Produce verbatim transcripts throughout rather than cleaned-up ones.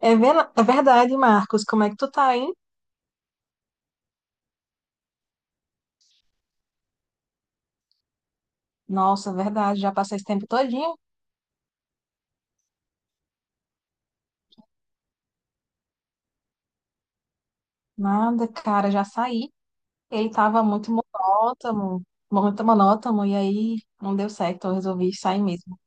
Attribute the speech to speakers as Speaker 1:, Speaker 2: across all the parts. Speaker 1: É, ver- é verdade, Marcos. Como é que tu tá, hein? Nossa, é verdade. Já passei esse tempo todinho. Nada, cara, já saí. Ele tava muito monótono, muito monótono, e aí não deu certo. Eu resolvi sair mesmo.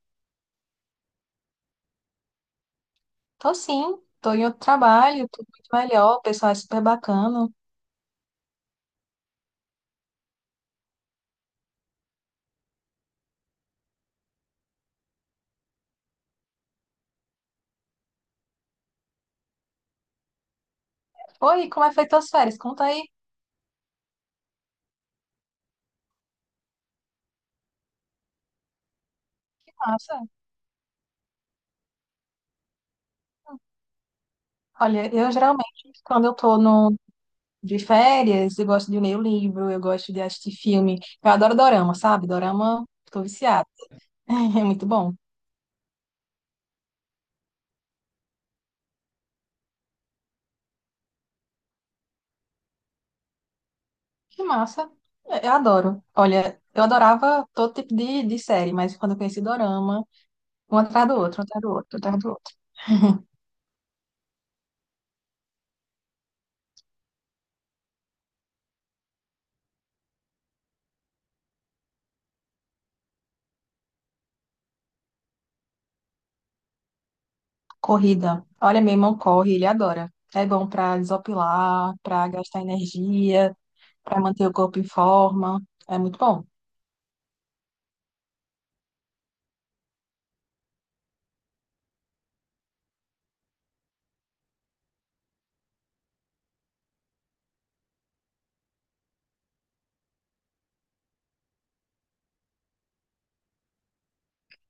Speaker 1: Tô sim, tô em outro trabalho, tudo muito melhor. O pessoal é super bacana. Oi, como é feito as férias? Conta aí. Nossa. Olha, eu geralmente, quando eu tô no, de férias, eu gosto de ler o livro, eu gosto de assistir filme. Eu adoro dorama, sabe? Dorama, tô viciada. É muito bom. Que massa. É, eu adoro. Olha, eu adorava todo tipo de, de série, mas quando eu conheci Dorama, um atrás do outro, um atrás do outro, um atrás do outro. Corrida. Olha, meu irmão corre, ele adora. É bom pra desopilar, pra gastar energia, pra manter o corpo em forma. É muito bom.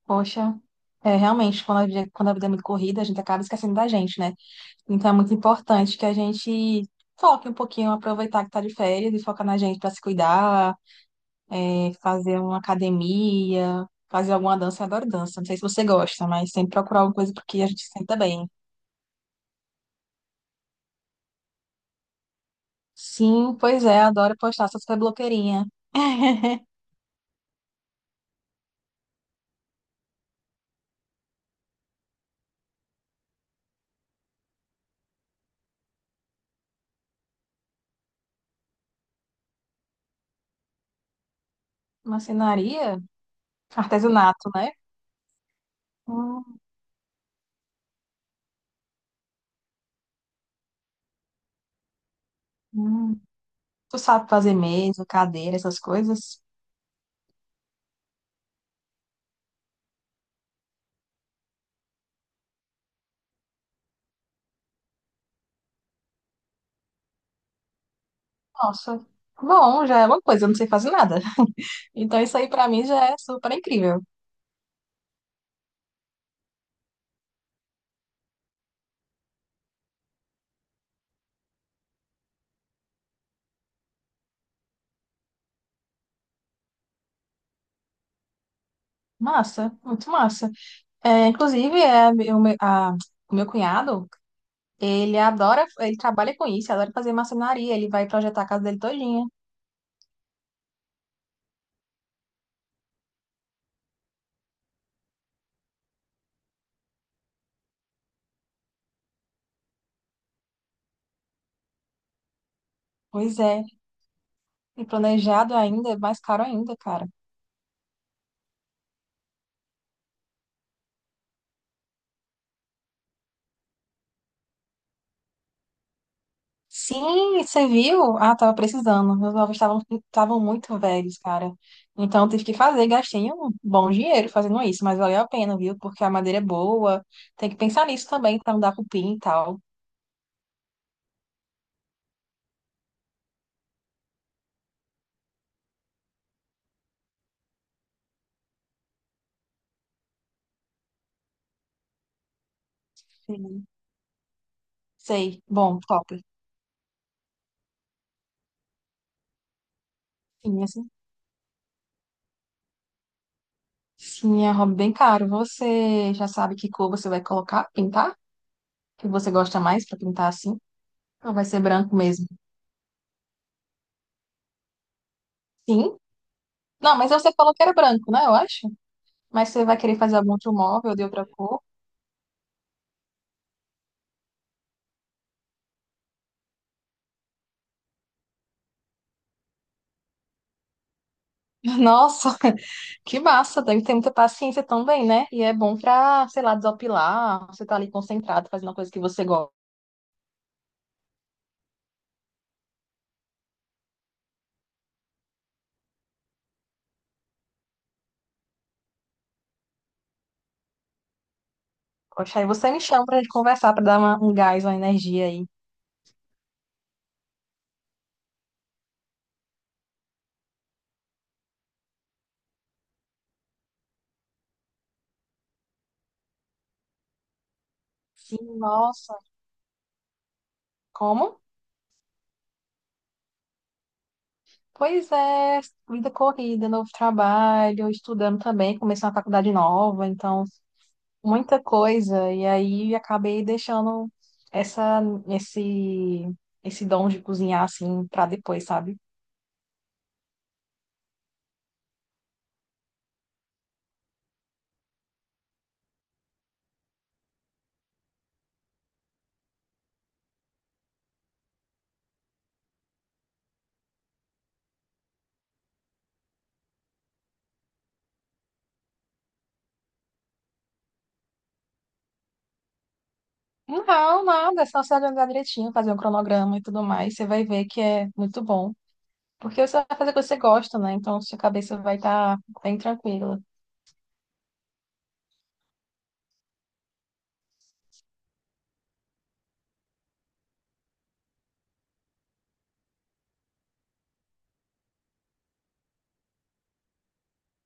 Speaker 1: Poxa, é realmente, quando a vida, quando a vida é muito corrida, a gente acaba esquecendo da gente, né? Então é muito importante que a gente foque um pouquinho, aproveitar que tá de férias e focar na gente pra se cuidar. Fazer uma academia, fazer alguma dança. Eu adoro dança. Não sei se você gosta, mas sempre procurar alguma coisa porque a gente se senta bem. Sim, pois é, adoro postar, essas super blogueirinha. Marcenaria? Artesanato, né? Hum, hum. Tu sabe fazer mesa, cadeira, essas coisas? Nossa, bom, já é uma coisa, eu não sei fazer nada. Então isso aí pra mim já é super incrível. Massa, muito massa. É, inclusive, é, o meu, a- o meu cunhado. Ele adora, ele trabalha com isso, adora fazer marcenaria, ele vai projetar a casa dele todinha. Pois é, e planejado ainda, é mais caro ainda, cara. Sim, você viu? Ah, tava precisando. Meus móveis estavam estavam muito velhos, cara. Então eu tive que fazer, gastei um bom dinheiro fazendo isso, mas valeu a pena, viu? Porque a madeira é boa. Tem que pensar nisso também pra não dar cupim e tal. Sim. Sei. Bom, top. Sim, assim. Sim, é um hobby bem caro. Você já sabe que cor você vai colocar, pintar? Que você gosta mais pra pintar assim? Ou vai ser branco mesmo? Sim. Não, mas você falou que era branco, né? Eu acho. Mas você vai querer fazer algum outro móvel de outra cor? Nossa, que massa! Deve ter muita paciência também, né? E é bom pra, sei lá, desopilar. Você tá ali concentrado, fazendo uma coisa que você gosta. Poxa, aí você me chama pra gente conversar, pra dar uma- um gás, uma energia aí. Sim, nossa. Como? Pois é, vida corrida, novo trabalho, estudando também, comecei uma faculdade nova, então muita coisa e aí acabei deixando essa esse esse dom de cozinhar assim pra depois, sabe? Não, nada, é só se organizar direitinho, fazer um cronograma e tudo mais, você vai ver que é muito bom. Porque você vai fazer o que você gosta, né? Então sua cabeça vai estar bem tranquila.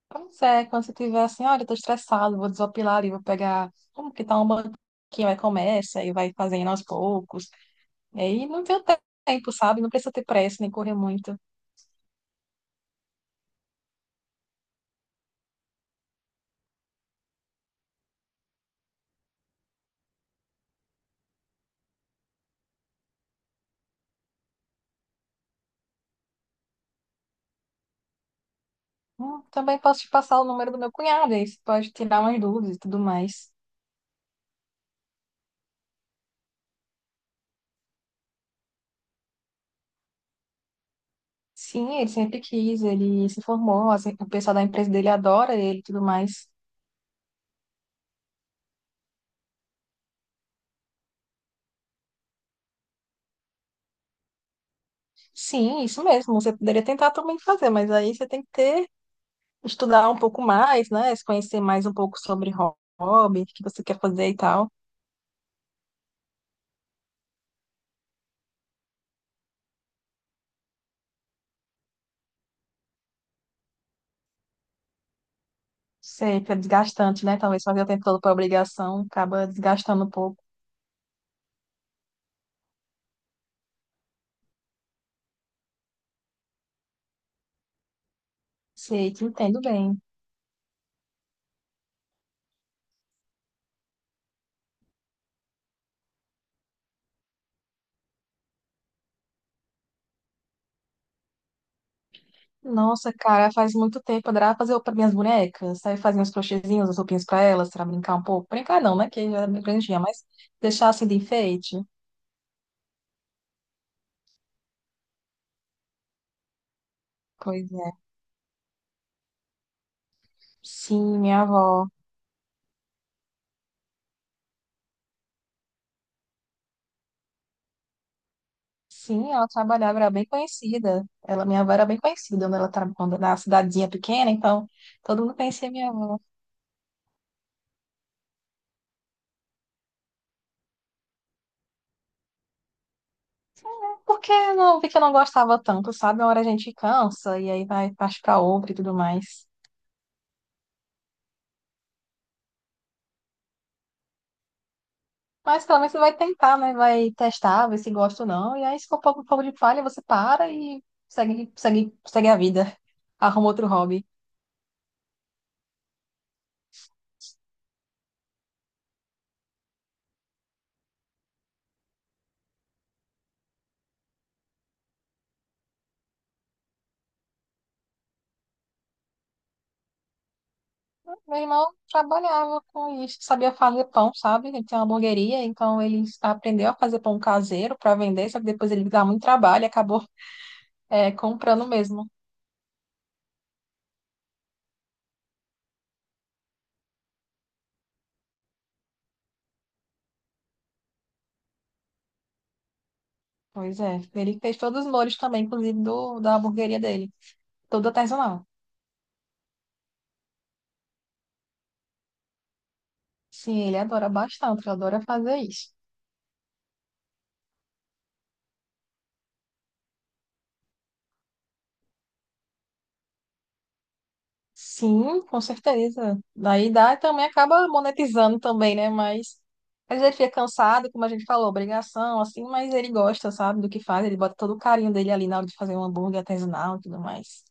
Speaker 1: Pois é, quando você tiver assim, olha, eu tô estressado, vou desopilar ali, vou pegar como que tá um banquinho, aí começa e vai fazendo aos poucos. E aí não tem o tempo, sabe? Não precisa ter pressa nem correr muito. Hum, Também posso te passar o número do meu cunhado, aí você pode tirar umas dúvidas e tudo mais. Sim, ele sempre quis, ele se formou, assim, o pessoal da empresa dele adora ele e tudo mais. Sim, isso mesmo, você poderia tentar também fazer, mas aí você tem que ter, estudar um pouco mais, né? Se conhecer mais um pouco sobre ho- hobby, o que você quer fazer e tal. Sei que é desgastante, né? Talvez fazer o tempo todo por obrigação acaba desgastando um pouco. Sei, te entendo bem. Nossa, cara, faz muito tempo. Eu adorava fazer para minhas bonecas. Aí fazia uns crochêzinhos, as roupinhas para elas, para brincar um pouco. Brincar não, né? Que eu era bem grandinha, mas deixar assim de enfeite. Pois é. Sim, minha avó. Sim, ela trabalhava, era bem conhecida. Ela, minha avó era bem conhecida quando ela tra- quando na cidadezinha pequena, então todo mundo conhecia minha avó. Porque eu não vi que eu não gostava tanto, sabe? Uma hora a gente cansa e aí vai parte para outra e tudo mais. Mas pelo menos você vai tentar, né? Vai testar, ver se gosta ou não. E aí, se for pouco pouco de falha, você para e segue, segue, segue a vida. Arruma outro hobby. Meu irmão trabalhava com isso, sabia fazer pão, sabe? Ele tinha uma hamburgueria, então ele aprendeu a fazer pão caseiro para vender, só que depois ele dava muito trabalho e acabou é, comprando mesmo. Pois é, ele fez todos os molhos também, inclusive do, da hamburgueria dele, todo artesanal. Sim, ele adora bastante, ele adora fazer isso. Sim, com certeza. Daí dá e também acaba monetizando também, né? Mas às vezes ele fica cansado, como a gente falou, obrigação, assim, mas ele gosta, sabe, do que faz, ele bota todo o carinho dele ali na hora de fazer um hambúrguer artesanal e tudo mais.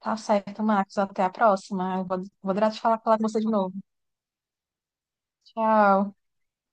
Speaker 1: Tá certo, Marcos. Até a próxima. Eu Vou, vou adorar te falar, falar com você de novo. Tchau.